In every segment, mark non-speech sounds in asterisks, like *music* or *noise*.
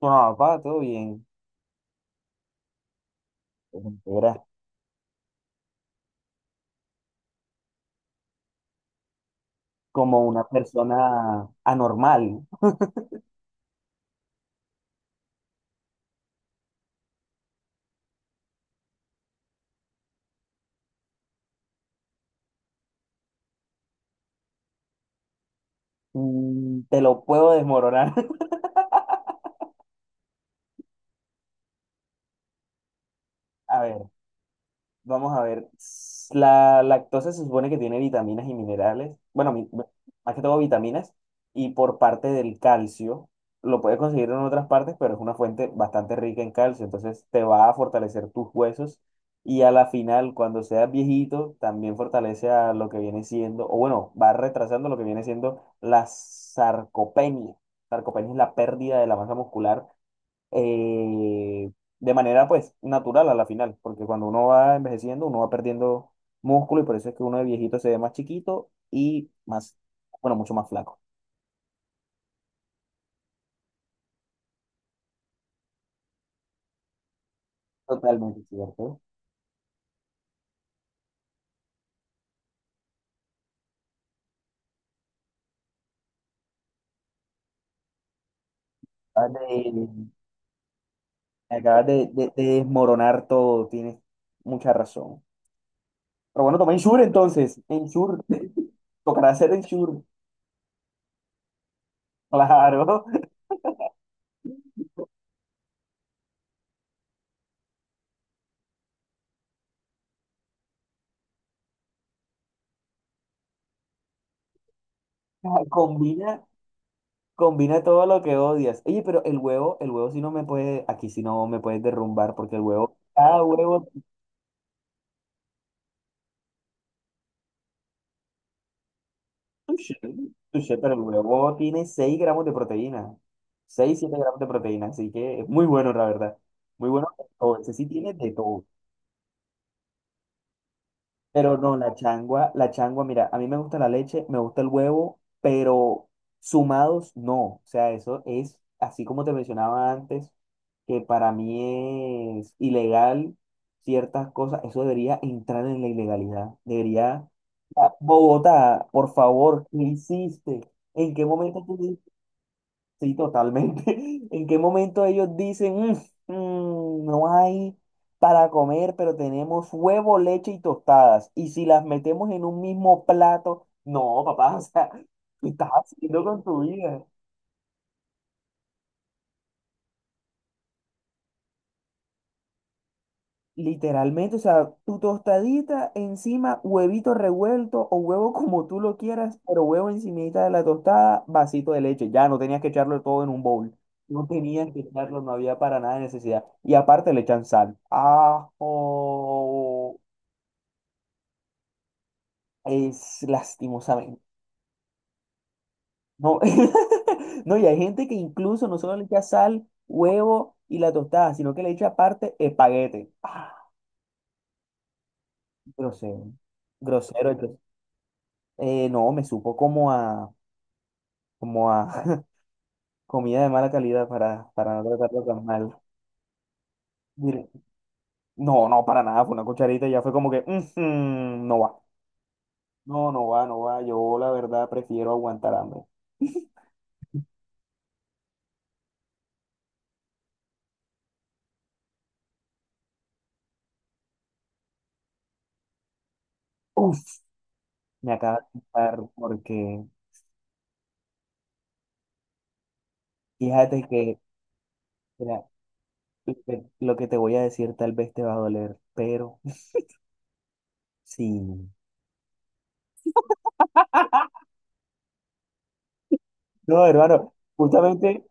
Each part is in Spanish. Bueno, papá, todo bien. Pues, Eras como una persona anormal. Te lo puedo desmoronar. *laughs* A ver, vamos a ver, la lactosa se supone que tiene vitaminas y minerales, bueno, bueno, más que todo vitaminas, y por parte del calcio, lo puedes conseguir en otras partes, pero es una fuente bastante rica en calcio, entonces te va a fortalecer tus huesos y a la final, cuando seas viejito, también fortalece a lo que viene siendo, o bueno, va retrasando lo que viene siendo la sarcopenia. Sarcopenia es la pérdida de la masa muscular, eh, de manera pues natural a la final, porque cuando uno va envejeciendo, uno va perdiendo músculo y por eso es que uno de viejito se ve más chiquito y más, bueno, mucho más flaco. Totalmente cierto. Acabas de, me acabas de desmoronar todo, tienes mucha razón. Pero bueno, toma Ensure entonces, Ensure, *laughs* tocará hacer Ensure, claro. *laughs* Combina, combina todo lo que odias. Oye, pero el huevo sí no me puede, aquí sí no me puedes derrumbar, porque el huevo, cada huevo touché, touché, pero el huevo tiene 6 gramos de proteína. 6 7 gramos de proteína, así que es muy bueno, la verdad. Muy bueno. O ese sí tiene de todo. Pero no, la changua, mira, a mí me gusta la leche, me gusta el huevo, pero sumados no. O sea, eso es, así como te mencionaba antes, que para mí es ilegal ciertas cosas, eso debería entrar en la ilegalidad. Debería... Ah, Bogotá, por favor, ¿qué hiciste? ¿En qué momento tú sí, totalmente. *laughs* ¿En qué momento ellos dicen, no hay para comer, pero tenemos huevo, leche y tostadas?" Y si las metemos en un mismo plato, no, papá, *laughs* o sea, ¿qué estás haciendo con tu vida? Literalmente, o sea, tu tostadita encima, huevito revuelto o huevo *laughs* como tú lo quieras, pero huevo encimita de la tostada, vasito de leche. Ya no tenías que echarlo todo en un bowl. No tenías que echarlo, no había para nada necesidad. Y aparte le echan sal. Ajo. Es lastimosamente. No, *laughs* no, y hay gente que incluso no solo le echa sal, huevo y la tostada, sino que le echa aparte espaguete. Ah, grosero. Grosero. Entonces, no, me supo como a como a *laughs* comida de mala calidad para no tratarlo tan mal. Mire, no, no, para nada, fue una cucharita y ya fue como que, "Ujú, no va, no, no va, no va, yo la verdad prefiero aguantar hambre." Uf, me acaba de quitar porque fíjate que, mira, lo que te voy a decir tal vez te va a doler, pero *laughs* sí. No, hermano, justamente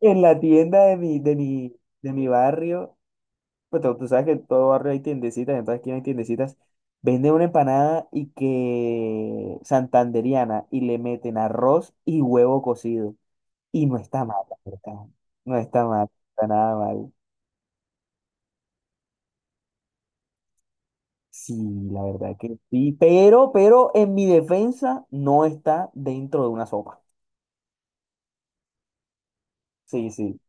en la tienda de mi barrio pues tú sabes que en todo barrio hay tiendecitas, en toda esquina hay tiendecitas. Venden una empanada y que santandereana y le meten arroz y huevo cocido. Y no está mal, la verdad. No está mal, no está nada mal. Sí, la verdad que sí. Pero en mi defensa no está dentro de una sopa. Sí, sí.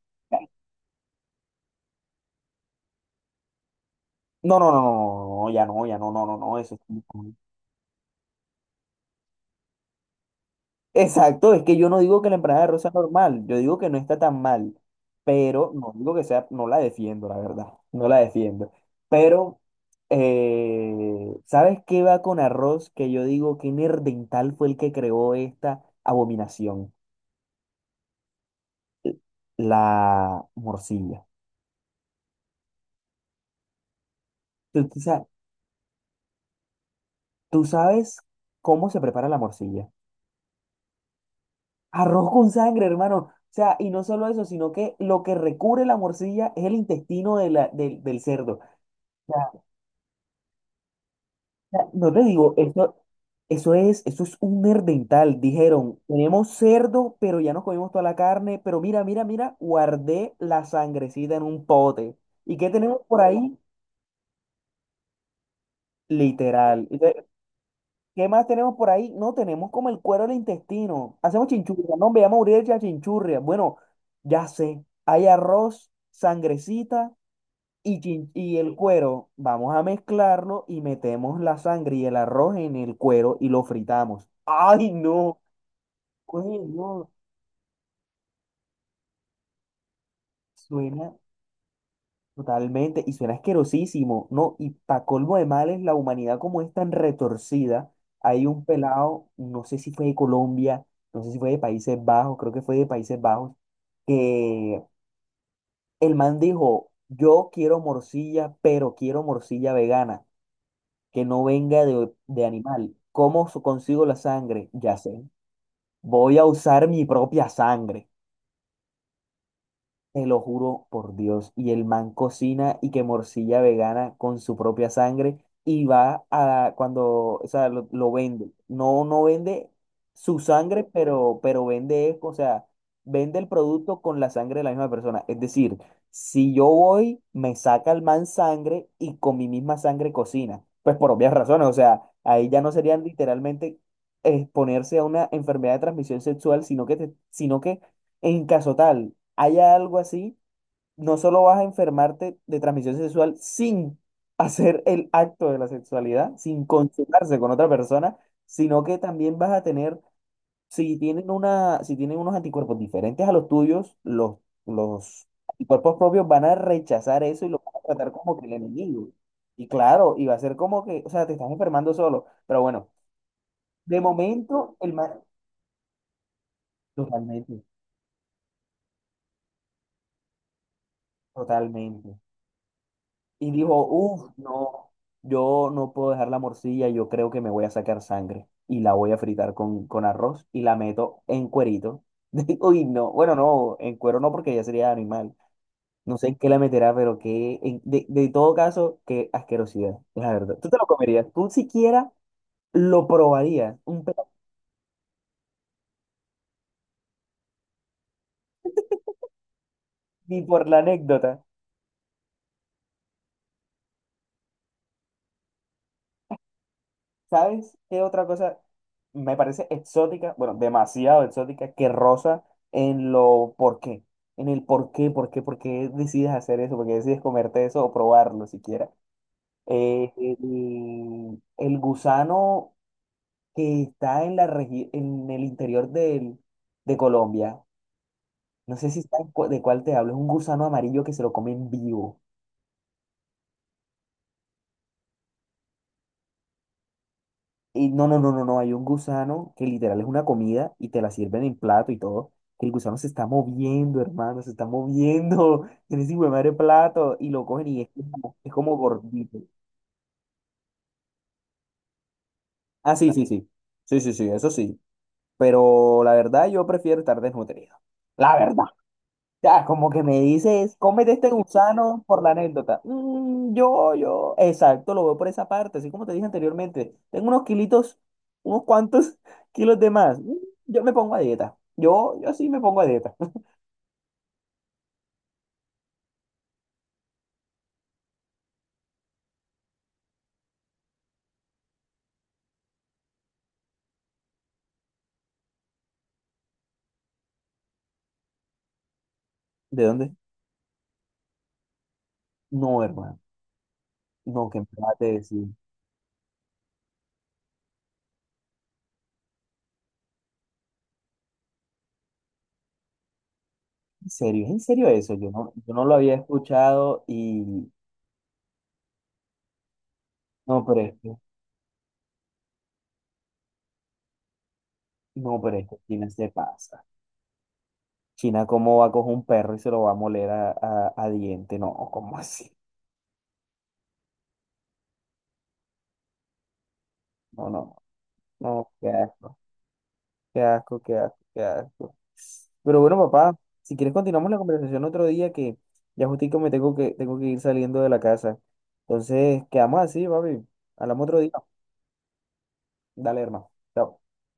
No, no, no, no, no, no, ya no, ya no, no, no, no, eso es. Exacto, es que yo no digo que la empanada de arroz sea normal, yo digo que no está tan mal, pero no digo que sea, no la defiendo, la verdad, no la defiendo. Pero, ¿sabes qué va con arroz? Que yo digo que Nerdental fue el que creó esta abominación, l- la morcilla. Tú, tú sa- Tú sabes cómo se prepara la morcilla. Arroz con sangre, hermano. O sea, y no solo eso, sino que lo que recubre la morcilla es el intestino de del del cerdo. Sea, no te digo, eso, eso es un herdental. Dijeron, tenemos cerdo, pero ya nos comimos toda la carne, pero mira, mira, mira, guardé la sangrecita en un pote. ¿Y qué tenemos por ahí? Literal. Entonces, ¿qué más tenemos por ahí? No, tenemos como el cuero del intestino. Hacemos chinchurria. No, veamos a morir de chinchurria. Bueno, ya sé. Hay arroz, sangrecita. Y, y el cuero, vamos a mezclarlo y metemos la sangre y el arroz en el cuero y lo fritamos. ¡Ay, no! Oye, no, suena totalmente y suena asquerosísimo, ¿no? Y para colmo de males, la humanidad como es tan retorcida, hay un pelado, no sé si fue de Colombia, no sé si fue de Países Bajos, creo que fue de Países Bajos, que el man dijo, yo quiero morcilla, pero quiero morcilla vegana. Que no venga de animal. ¿Cómo consigo la sangre? Ya sé. Voy a usar mi propia sangre. Te lo juro por Dios. Y el man cocina y que morcilla vegana con su propia sangre y va a cuando, o sea, lo vende. No, no vende su sangre, pero vende, o sea, vende el producto con la sangre de la misma persona. Es decir, si yo voy, me saca el man sangre y con mi misma sangre cocina. Pues por obvias razones, o sea, ahí ya no serían literalmente exponerse a una enfermedad de transmisión sexual, sino que, sino que en caso tal haya algo así, no solo vas a enfermarte de transmisión sexual sin hacer el acto de la sexualidad, sin consumarse con otra persona, sino que también vas a tener, si tienen una, si tienen unos anticuerpos diferentes a los tuyos, los anticuerpos propios van a rechazar eso y lo van a tratar como que el enemigo. Y claro, y va a ser como que, o sea, te estás enfermando solo. Pero bueno, de momento, el más... Totalmente, totalmente. Y dijo, uff, no, yo no puedo dejar la morcilla, yo creo que me voy a sacar sangre y la voy a fritar con arroz y la meto en cuerito. *laughs* Uy, no, bueno, no, en cuero no porque ya sería animal. No sé en qué la meterá, pero que, de todo caso, qué asquerosidad, la verdad. ¿Tú te lo comerías? ¿Tú siquiera lo probarías? Un pedazo, ni por la anécdota. ¿Sabes qué otra cosa me parece exótica? Bueno, demasiado exótica que rosa en lo por qué. En el por qué, por qué, por qué decides hacer eso, por qué decides comerte eso o probarlo siquiera. El gusano que está en la en el interior del, de Colombia. No sé si sabes de cuál te hablo. Es un gusano amarillo que se lo comen vivo. Y no, no, no, no, no, hay un gusano que literal es una comida y te la sirven en plato y todo. Que el gusano se está moviendo, hermano, se está moviendo *laughs* en ese hijo de madre plato y lo cogen y es como gordito. Ah, sí, sí, sí. Sí, sí, sí, eso sí. Pero la verdad yo prefiero estar desnutrido. La verdad. Ya, como que me dices, cómete este gusano por la anécdota. Mm, yo, exacto, lo veo por esa parte, así como te dije anteriormente. Tengo unos kilitos, unos cuantos *laughs* kilos de más. Mm, yo me pongo a dieta. Yo sí me pongo a dieta. *laughs* ¿De dónde? No, hermano. No, que me acabas de decir. ¿En serio? ¿Es ¿en serio eso? Yo no, yo no lo había escuchado y... No, pero es que, no, pero es que China se pasa. China, ¿cómo va a coger un perro y se lo va a moler a, a diente? No, ¿cómo así? No, no. No, qué asco, qué asco, qué asco, qué asco. Pero bueno, papá, si quieres continuamos la conversación otro día que ya justico me tengo que ir saliendo de la casa. Entonces, quedamos así, papi. Hablamos otro día. Dale, hermano. Chao.